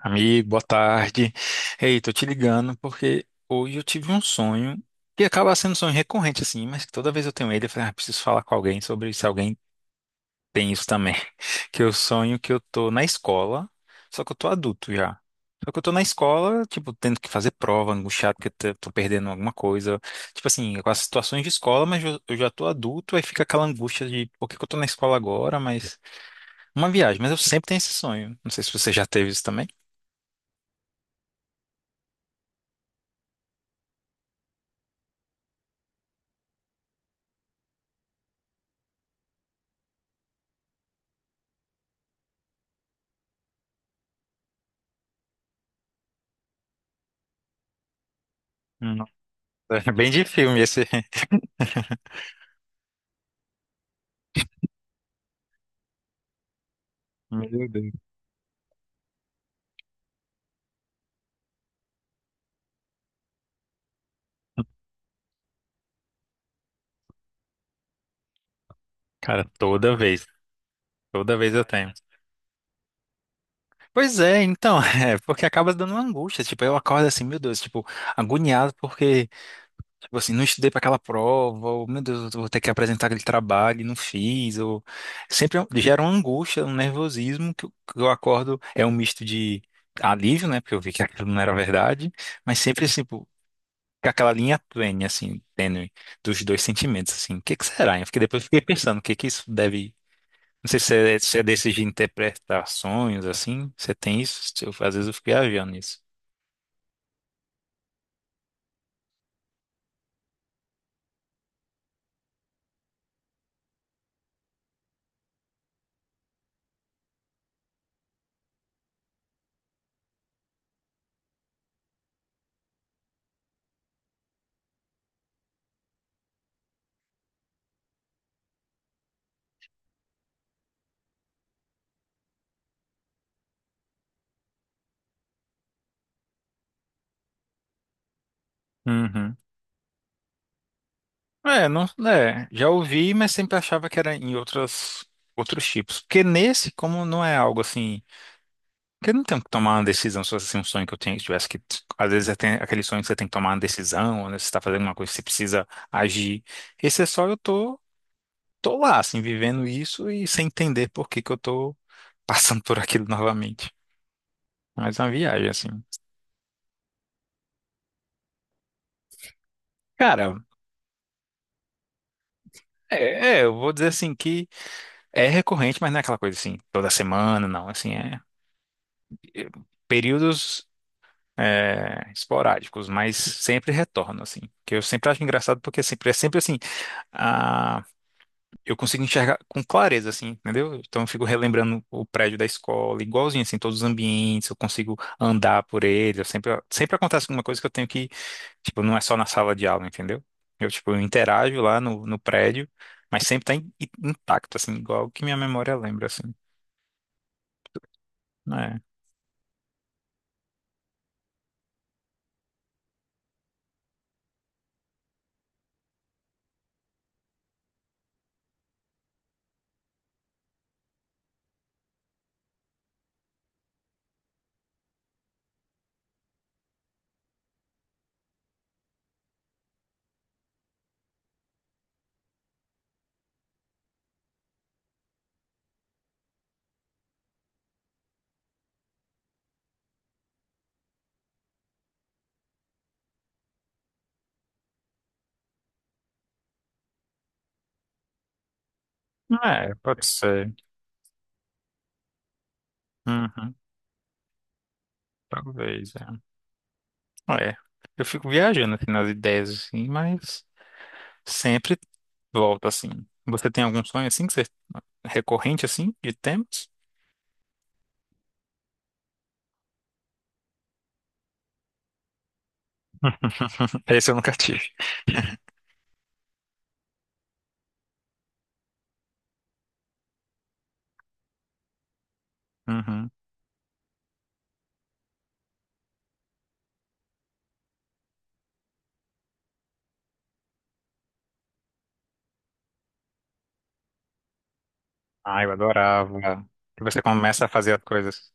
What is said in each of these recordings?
Amigo, boa tarde. Ei, tô te ligando porque hoje eu tive um sonho que acaba sendo um sonho recorrente assim, mas que toda vez eu tenho ele, eu falei, ah, preciso falar com alguém sobre se alguém tem isso também. Que eu sonho que eu tô na escola, só que eu tô adulto já. Só que eu tô na escola, tipo, tendo que fazer prova, angustiado porque eu tô perdendo alguma coisa. Tipo assim, com as situações de escola, mas eu já tô adulto, aí fica aquela angústia de por que que eu tô na escola agora, mas uma viagem, mas eu sempre tenho esse sonho. Não sei se você já teve isso também. Nossa, é bem de filme esse. Meu Deus. Cara, toda vez. Toda vez eu tenho. Pois é, então, é, porque acaba dando uma angústia. Tipo, eu acordo assim, meu Deus, tipo, agoniado porque tipo assim, não estudei para aquela prova, ou meu Deus, eu vou ter que apresentar aquele trabalho e não fiz, ou sempre gera uma angústia, um nervosismo que que eu acordo, é um misto de alívio, né, porque eu vi que aquilo não era verdade, mas sempre assim, pô, com aquela linha tênue, assim, tênue dos dois sentimentos, assim, o que que será? Depois eu fiquei pensando, o que que isso deve, não sei se é, se é desses de interpretações, assim, você tem isso, às vezes eu fico viajando nisso. Uhum. É, não, é, já ouvi, mas sempre achava que era em outras, outros tipos. Porque nesse, como não é algo assim. Porque eu não tenho que tomar uma decisão, se fosse assim, um sonho que eu tenho, que tivesse que. Às vezes é tem aquele sonho que você tem que tomar uma decisão, ou né, você está fazendo uma coisa que você precisa agir. Esse é só eu tô lá, assim, vivendo isso e sem entender por que que eu tô passando por aquilo novamente. Mas é uma viagem, assim. Cara, eu vou dizer assim que é recorrente, mas não é aquela coisa assim, toda semana, não. Assim, é. É períodos, é, esporádicos, mas sempre retorno, assim. Que eu sempre acho engraçado porque sempre, é sempre assim, a, eu consigo enxergar com clareza, assim, entendeu? Então eu fico relembrando o prédio da escola, igualzinho, assim, todos os ambientes, eu consigo andar por eles, eu sempre, sempre acontece alguma coisa que eu tenho que, tipo, não é só na sala de aula, entendeu? Eu, tipo, eu interajo lá no prédio, mas sempre tá intacto, assim, igual que minha memória lembra, assim. É, é, pode ser. Uhum, talvez, é. Ah, é, eu fico viajando assim, nas ideias, assim, mas sempre volto assim. Você tem algum sonho assim que você recorrente assim de temas? Esse eu nunca tive. Uhum. Ah, eu adorava. Que você começa a fazer as coisas.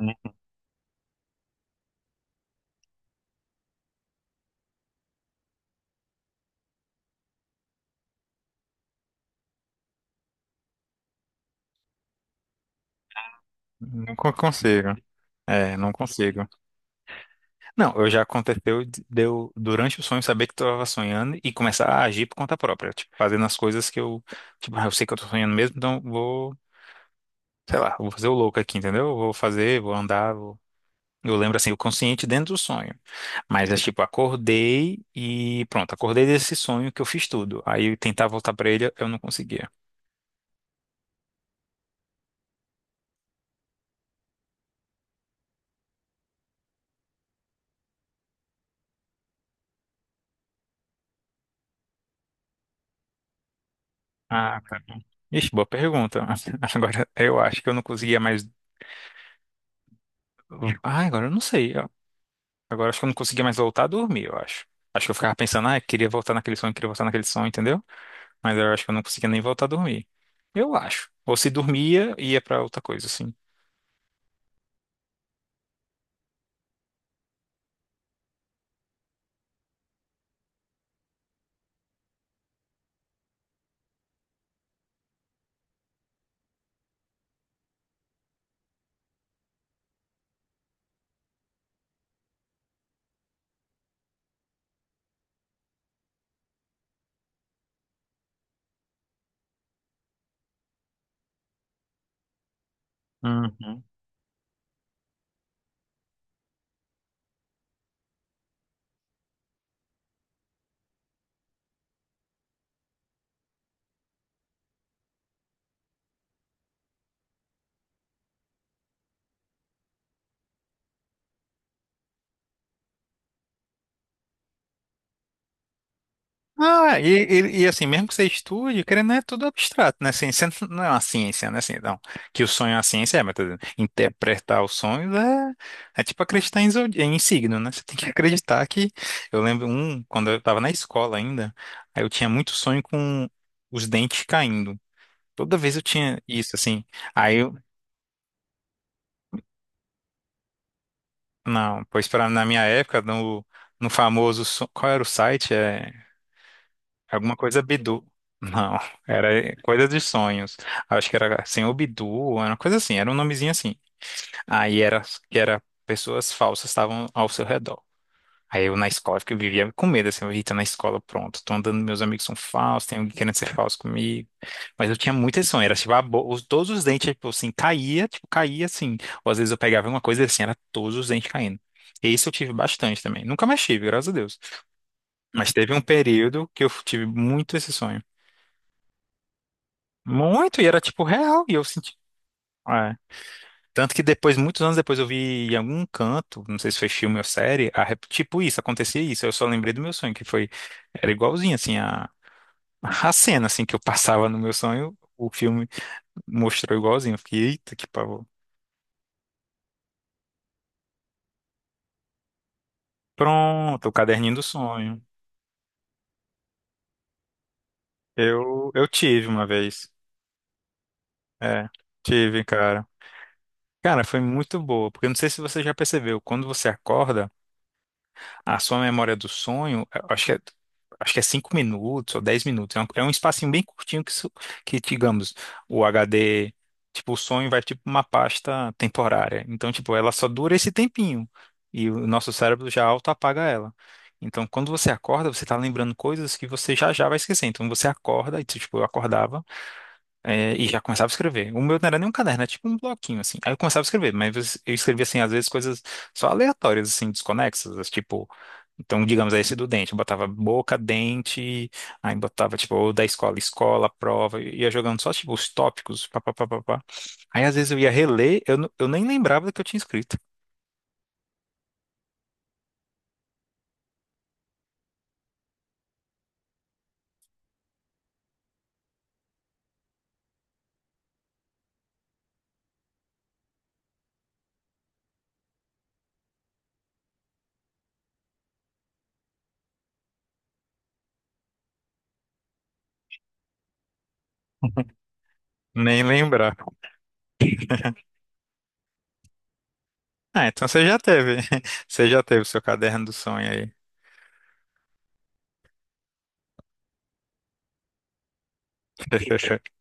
Não não consigo. É, não consigo. Não, eu já aconteceu de eu, durante o sonho, saber que estava sonhando e começar a agir por conta própria. Tipo, fazendo as coisas que eu. Tipo, ah, eu sei que eu tô sonhando mesmo, então vou. Sei lá, vou fazer o louco aqui, entendeu? Vou fazer, vou andar, vou... Eu lembro assim, o consciente dentro do sonho. Mas é tipo, acordei e pronto, acordei desse sonho que eu fiz tudo. Aí eu tentar voltar pra ele, eu não conseguia. Ah, cara. Ixi, boa pergunta. Agora eu acho que eu não conseguia mais. Ah, agora eu não sei. Ó. Agora acho que eu não conseguia mais voltar a dormir, eu acho. Acho que eu ficava pensando, ah, eu queria voltar naquele sonho, queria voltar naquele sonho, entendeu? Mas eu acho que eu não conseguia nem voltar a dormir. Eu acho. Ou se dormia, ia pra outra coisa, assim. Uhum. Ah, e, e assim, mesmo que você estude, querendo, ou não, é tudo abstrato, né? Ciência não é uma ciência, né? Assim, não. Que o sonho é uma ciência, é, mas tô dizendo, interpretar os sonhos é, é tipo acreditar em, em signo, né? Você tem que acreditar que. Eu lembro um, quando eu tava na escola ainda, aí eu tinha muito sonho com os dentes caindo. Toda vez eu tinha isso, assim. Aí eu. Não, pois pra, na minha época, no, no famoso. Qual era o site? É alguma coisa Bidu. Não, era coisa de sonhos. Acho que era Senhor Bidu, era uma coisa assim, era um nomezinho assim. Aí era que era pessoas falsas estavam ao seu redor. Aí eu na escola que eu vivia com medo, assim, eu ia na escola, pronto, tô andando, meus amigos são falsos, tem alguém querendo ser falso comigo. Mas eu tinha muito esse sonho, era tipo, a os, todos os dentes, tipo assim, caía, tipo, caía assim. Ou às vezes eu pegava uma coisa assim, era todos os dentes caindo. E isso eu tive bastante também. Nunca mais tive, graças a Deus. Mas teve um período que eu tive muito esse sonho. Muito, e era tipo real, e eu senti. É. Tanto que depois, muitos anos depois, eu vi em algum canto, não sei se foi filme ou série, a tipo isso, acontecia isso. Eu só lembrei do meu sonho, que foi. Era igualzinho, assim, a cena, assim, que eu passava no meu sonho, o filme mostrou igualzinho. Eu fiquei, eita, que pavor. Pronto, o caderninho do sonho. Eu tive uma vez. É, tive, cara. Cara, foi muito boa, porque eu não sei se você já percebeu, quando você acorda. A sua memória do sonho, eu acho que é 5 minutos ou 10 minutos. É é um espacinho bem curtinho que, que, digamos, o HD, tipo, o sonho vai tipo uma pasta temporária. Então, tipo, ela só dura esse tempinho. E o nosso cérebro já auto-apaga ela. Então, quando você acorda, você tá lembrando coisas que você já vai esquecer. Então, você acorda, e tipo, eu acordava. É, e já começava a escrever. O meu não era nem um caderno, era tipo um bloquinho, assim. Aí eu começava a escrever, mas eu escrevia, assim, às vezes coisas só aleatórias, assim, desconexas, tipo... Então, digamos, aí esse do dente, eu botava boca, dente, aí botava, tipo, ou da escola, escola, prova, e ia jogando só, tipo, os tópicos, pá, pá, pá, pá, pá. Aí, às vezes, eu ia reler, eu nem lembrava do que eu tinha escrito. Nem lembrava. Ah, então você já teve, você já teve o seu caderno do sonho aí.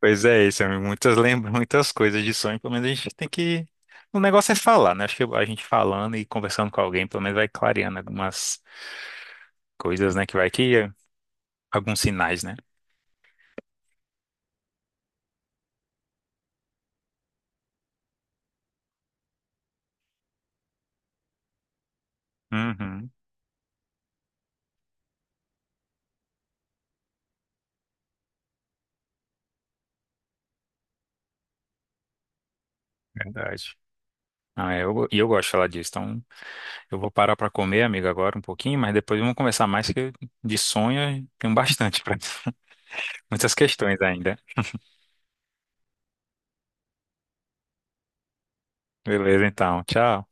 Pois é, isso, amigo. Muitas lembra muitas coisas de sonho, pelo menos a gente tem que. O negócio é falar, né? Acho que a gente falando e conversando com alguém, pelo menos vai clareando algumas coisas, né? Que vai que alguns sinais, né? Uhum, verdade. Ah, é, e eu gosto de falar disso. Então, eu vou parar para comer, amigo, agora um pouquinho, mas depois vamos conversar mais, que de sonho tem bastante para muitas questões ainda. Beleza, então. Tchau.